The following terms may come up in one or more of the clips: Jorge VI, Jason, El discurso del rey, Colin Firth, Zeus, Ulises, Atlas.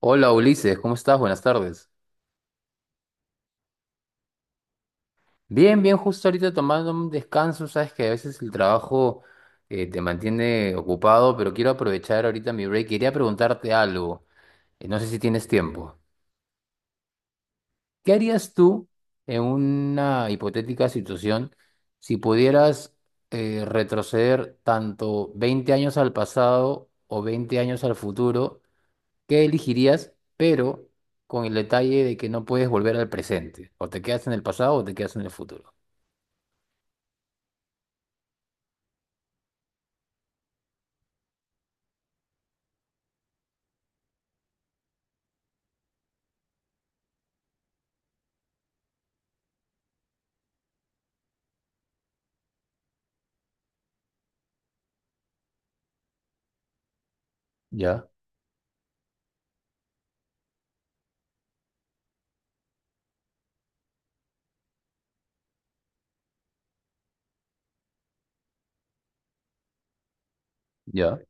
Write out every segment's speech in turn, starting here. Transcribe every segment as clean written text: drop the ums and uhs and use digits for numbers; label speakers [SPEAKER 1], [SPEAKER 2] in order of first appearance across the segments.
[SPEAKER 1] Hola Ulises, ¿cómo estás? Buenas tardes. Bien, bien, justo ahorita tomando un descanso, sabes que a veces el trabajo te mantiene ocupado, pero quiero aprovechar ahorita mi break. Quería preguntarte algo, no sé si tienes tiempo. ¿Qué harías tú en una hipotética situación si pudieras retroceder tanto 20 años al pasado o 20 años al futuro? ¿Qué elegirías? Pero con el detalle de que no puedes volver al presente. O te quedas en el pasado o te quedas en el futuro. Ya, ya.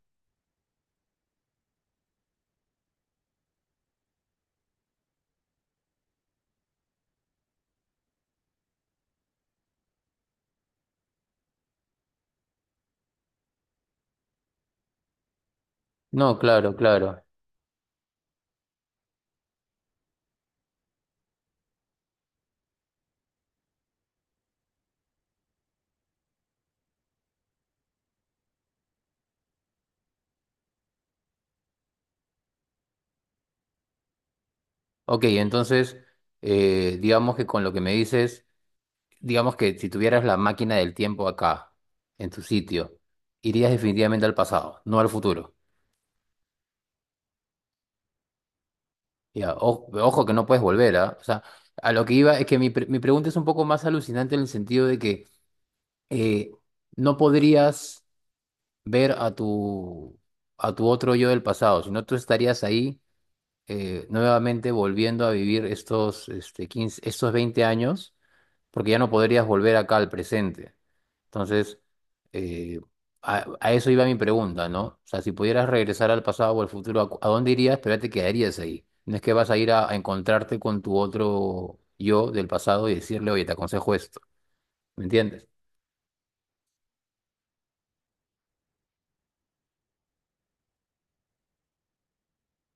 [SPEAKER 1] No, claro, claro. Ok, entonces, digamos que con lo que me dices, digamos que si tuvieras la máquina del tiempo acá, en tu sitio, irías definitivamente al pasado, no al futuro. Ya, ojo que no puedes volver, ¿ah? O sea, a lo que iba es que mi pregunta es un poco más alucinante en el sentido de que eh, no podrías ver a tu otro yo del pasado, si no tú estarías ahí nuevamente volviendo a vivir estos 20 años, porque ya no podrías volver acá al presente. Entonces, eh, a eso iba mi pregunta, ¿no? O sea, si pudieras regresar al pasado o al futuro, ¿a, a dónde irías? Pero ya te quedarías ahí. No es que vas a ir a encontrarte con tu otro yo del pasado y decirle, oye, te aconsejo esto. ¿Me entiendes?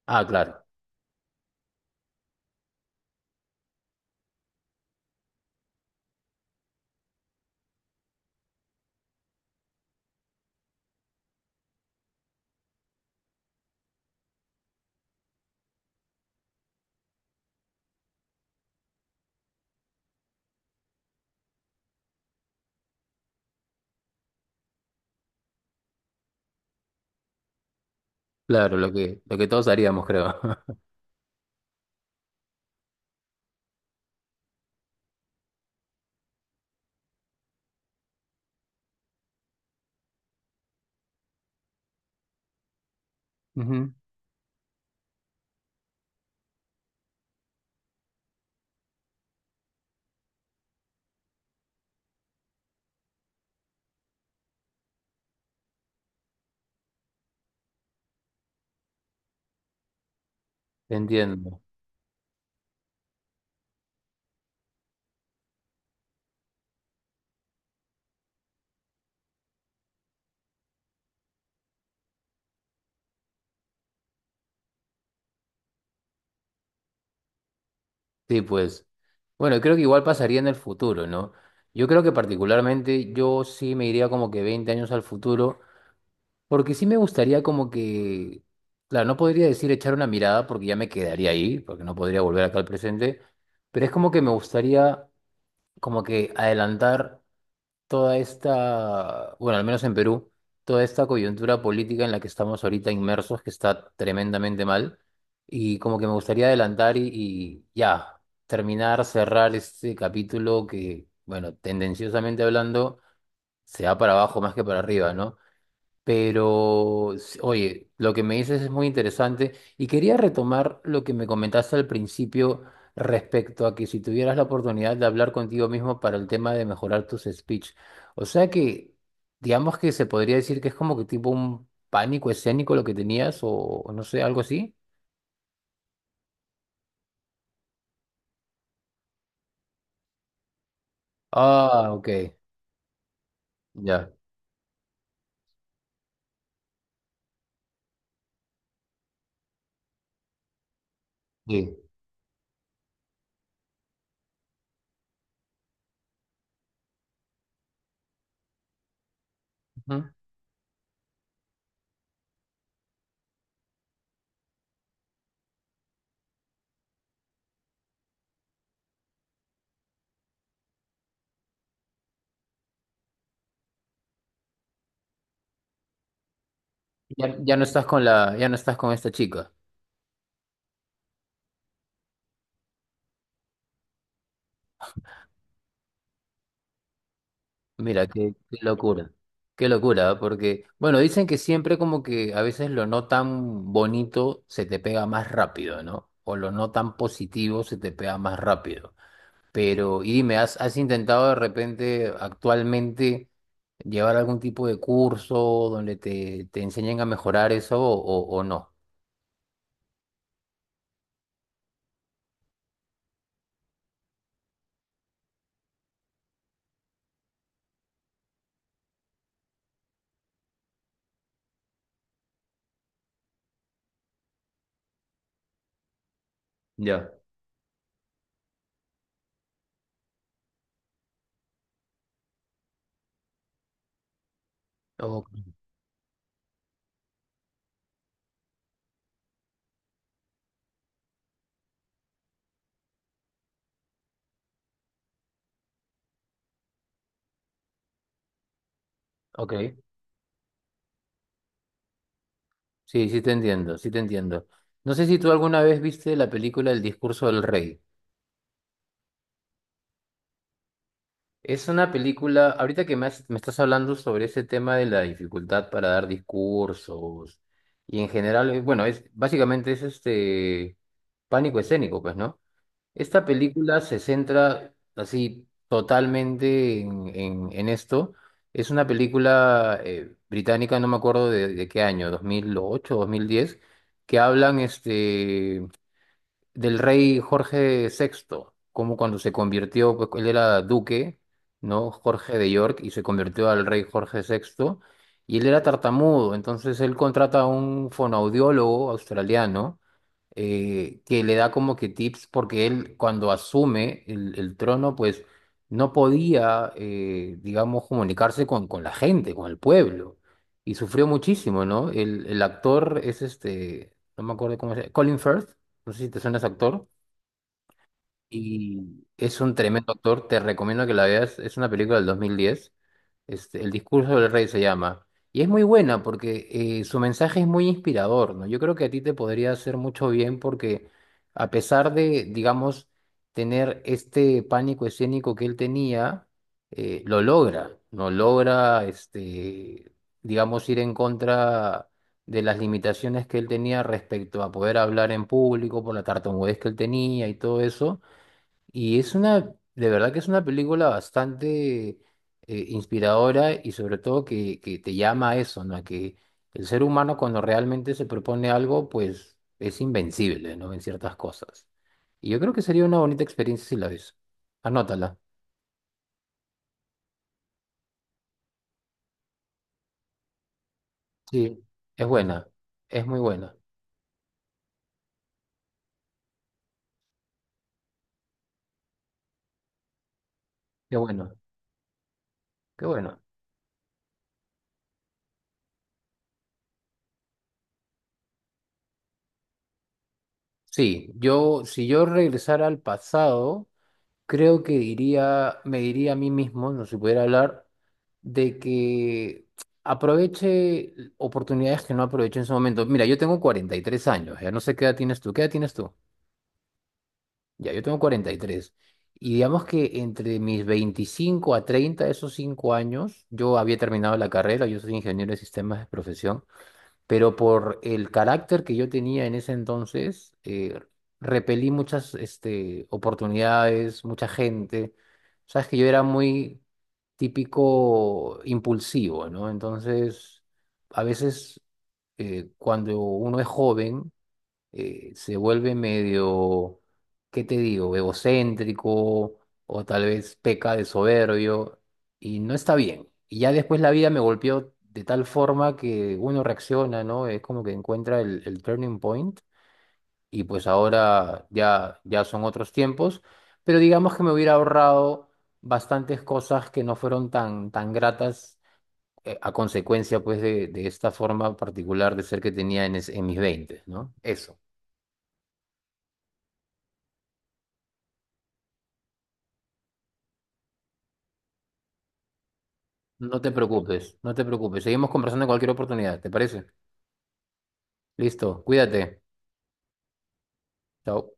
[SPEAKER 1] Ah, claro. Claro, lo que todos haríamos, creo. Ujú. Entiendo. Sí, pues. Bueno, creo que igual pasaría en el futuro, ¿no? Yo creo que particularmente yo sí me iría como que 20 años al futuro, porque sí me gustaría como que, claro, no podría decir echar una mirada porque ya me quedaría ahí, porque no podría volver acá al presente, pero es como que me gustaría como que adelantar toda esta, bueno, al menos en Perú, toda esta coyuntura política en la que estamos ahorita inmersos, que está tremendamente mal, y como que me gustaría adelantar y ya, terminar, cerrar este capítulo que, bueno, tendenciosamente hablando, se va para abajo más que para arriba, ¿no? Pero, oye, lo que me dices es muy interesante y quería retomar lo que me comentaste al principio respecto a que si tuvieras la oportunidad de hablar contigo mismo para el tema de mejorar tus speech. O sea que, digamos que se podría decir que es como que tipo un pánico escénico lo que tenías o no sé, algo así. Ah, ok, ya, sí. Ujú. Ya, ya no estás con la, ya no estás con esta chica. Mira, qué, qué locura, ¿eh? Porque, bueno, dicen que siempre como que a veces lo no tan bonito se te pega más rápido, ¿no? O lo no tan positivo se te pega más rápido. Pero, y dime, ¿has, has intentado de repente actualmente llevar algún tipo de curso donde te enseñen a mejorar eso o, o no? Ya. O- ok, sí, sí te entiendo, sí te entiendo. No sé si tú alguna vez viste la película El discurso del rey. Es una película, ahorita que me, me estás hablando sobre ese tema de la dificultad para dar discursos y en general, bueno, es básicamente es este pánico escénico, pues, ¿no? Esta película se centra así totalmente en esto. Es una película británica, no me acuerdo de qué año, 2008, 2010 que hablan este del rey Jorge VI, como cuando se convirtió, pues él era duque, ¿no? Jorge de York, y se convirtió al rey Jorge VI y él era tartamudo, entonces él contrata a un fonoaudiólogo australiano que le da como que tips, porque él cuando asume el trono, pues no podía, digamos, comunicarse con la gente, con el pueblo, y sufrió muchísimo, ¿no? El actor es este, no me acuerdo cómo se llama, Colin Firth, no sé si te suena ese actor, y es un tremendo actor, te recomiendo que la veas, es una película del 2010 este, el discurso del rey se llama. Y es muy buena porque su mensaje es muy inspirador, ¿no? Yo creo que a ti te podría hacer mucho bien porque a pesar de, digamos, tener este pánico escénico que él tenía, lo logra, ¿no? Logra, este, digamos, ir en contra de las limitaciones que él tenía respecto a poder hablar en público por la tartamudez que él tenía y todo eso y es una, de verdad que es una película bastante inspiradora y sobre todo que te llama a eso, ¿no? A que el ser humano cuando realmente se propone algo, pues es invencible, ¿no? En ciertas cosas. Y yo creo que sería una bonita experiencia si la ves. Anótala. Sí, es buena, es muy buena. Qué bueno, qué bueno. Sí, yo, si yo regresara al pasado... creo que diría, me diría a mí mismo, no se pudiera hablar, de que aproveche oportunidades que no aproveché en su momento. Mira, yo tengo 43 años, ya no sé qué edad tienes tú, ¿qué edad tienes tú? Ya, yo tengo cuarenta y tres y digamos que entre mis 25 a 30, esos 5 años, yo había terminado la carrera, yo soy ingeniero de sistemas de profesión pero por el carácter que yo tenía en ese entonces, repelí muchas este, oportunidades, mucha gente. Sabes que yo era muy típico impulsivo, ¿no? Entonces, a veces cuando uno es joven, se vuelve medio, ¿qué te digo?, egocéntrico o tal vez peca de soberbio y no está bien. Y ya después la vida me golpeó de tal forma que uno reacciona, ¿no? Es como que encuentra el turning point y pues ahora ya, ya son otros tiempos, pero digamos que me hubiera ahorrado bastantes cosas que no fueron tan, tan gratas. A consecuencia, pues, de esta forma particular de ser que tenía en, en mis 20, ¿no? Eso. No te preocupes, no te preocupes. Seguimos conversando en cualquier oportunidad, ¿te parece? Listo, cuídate. Chao.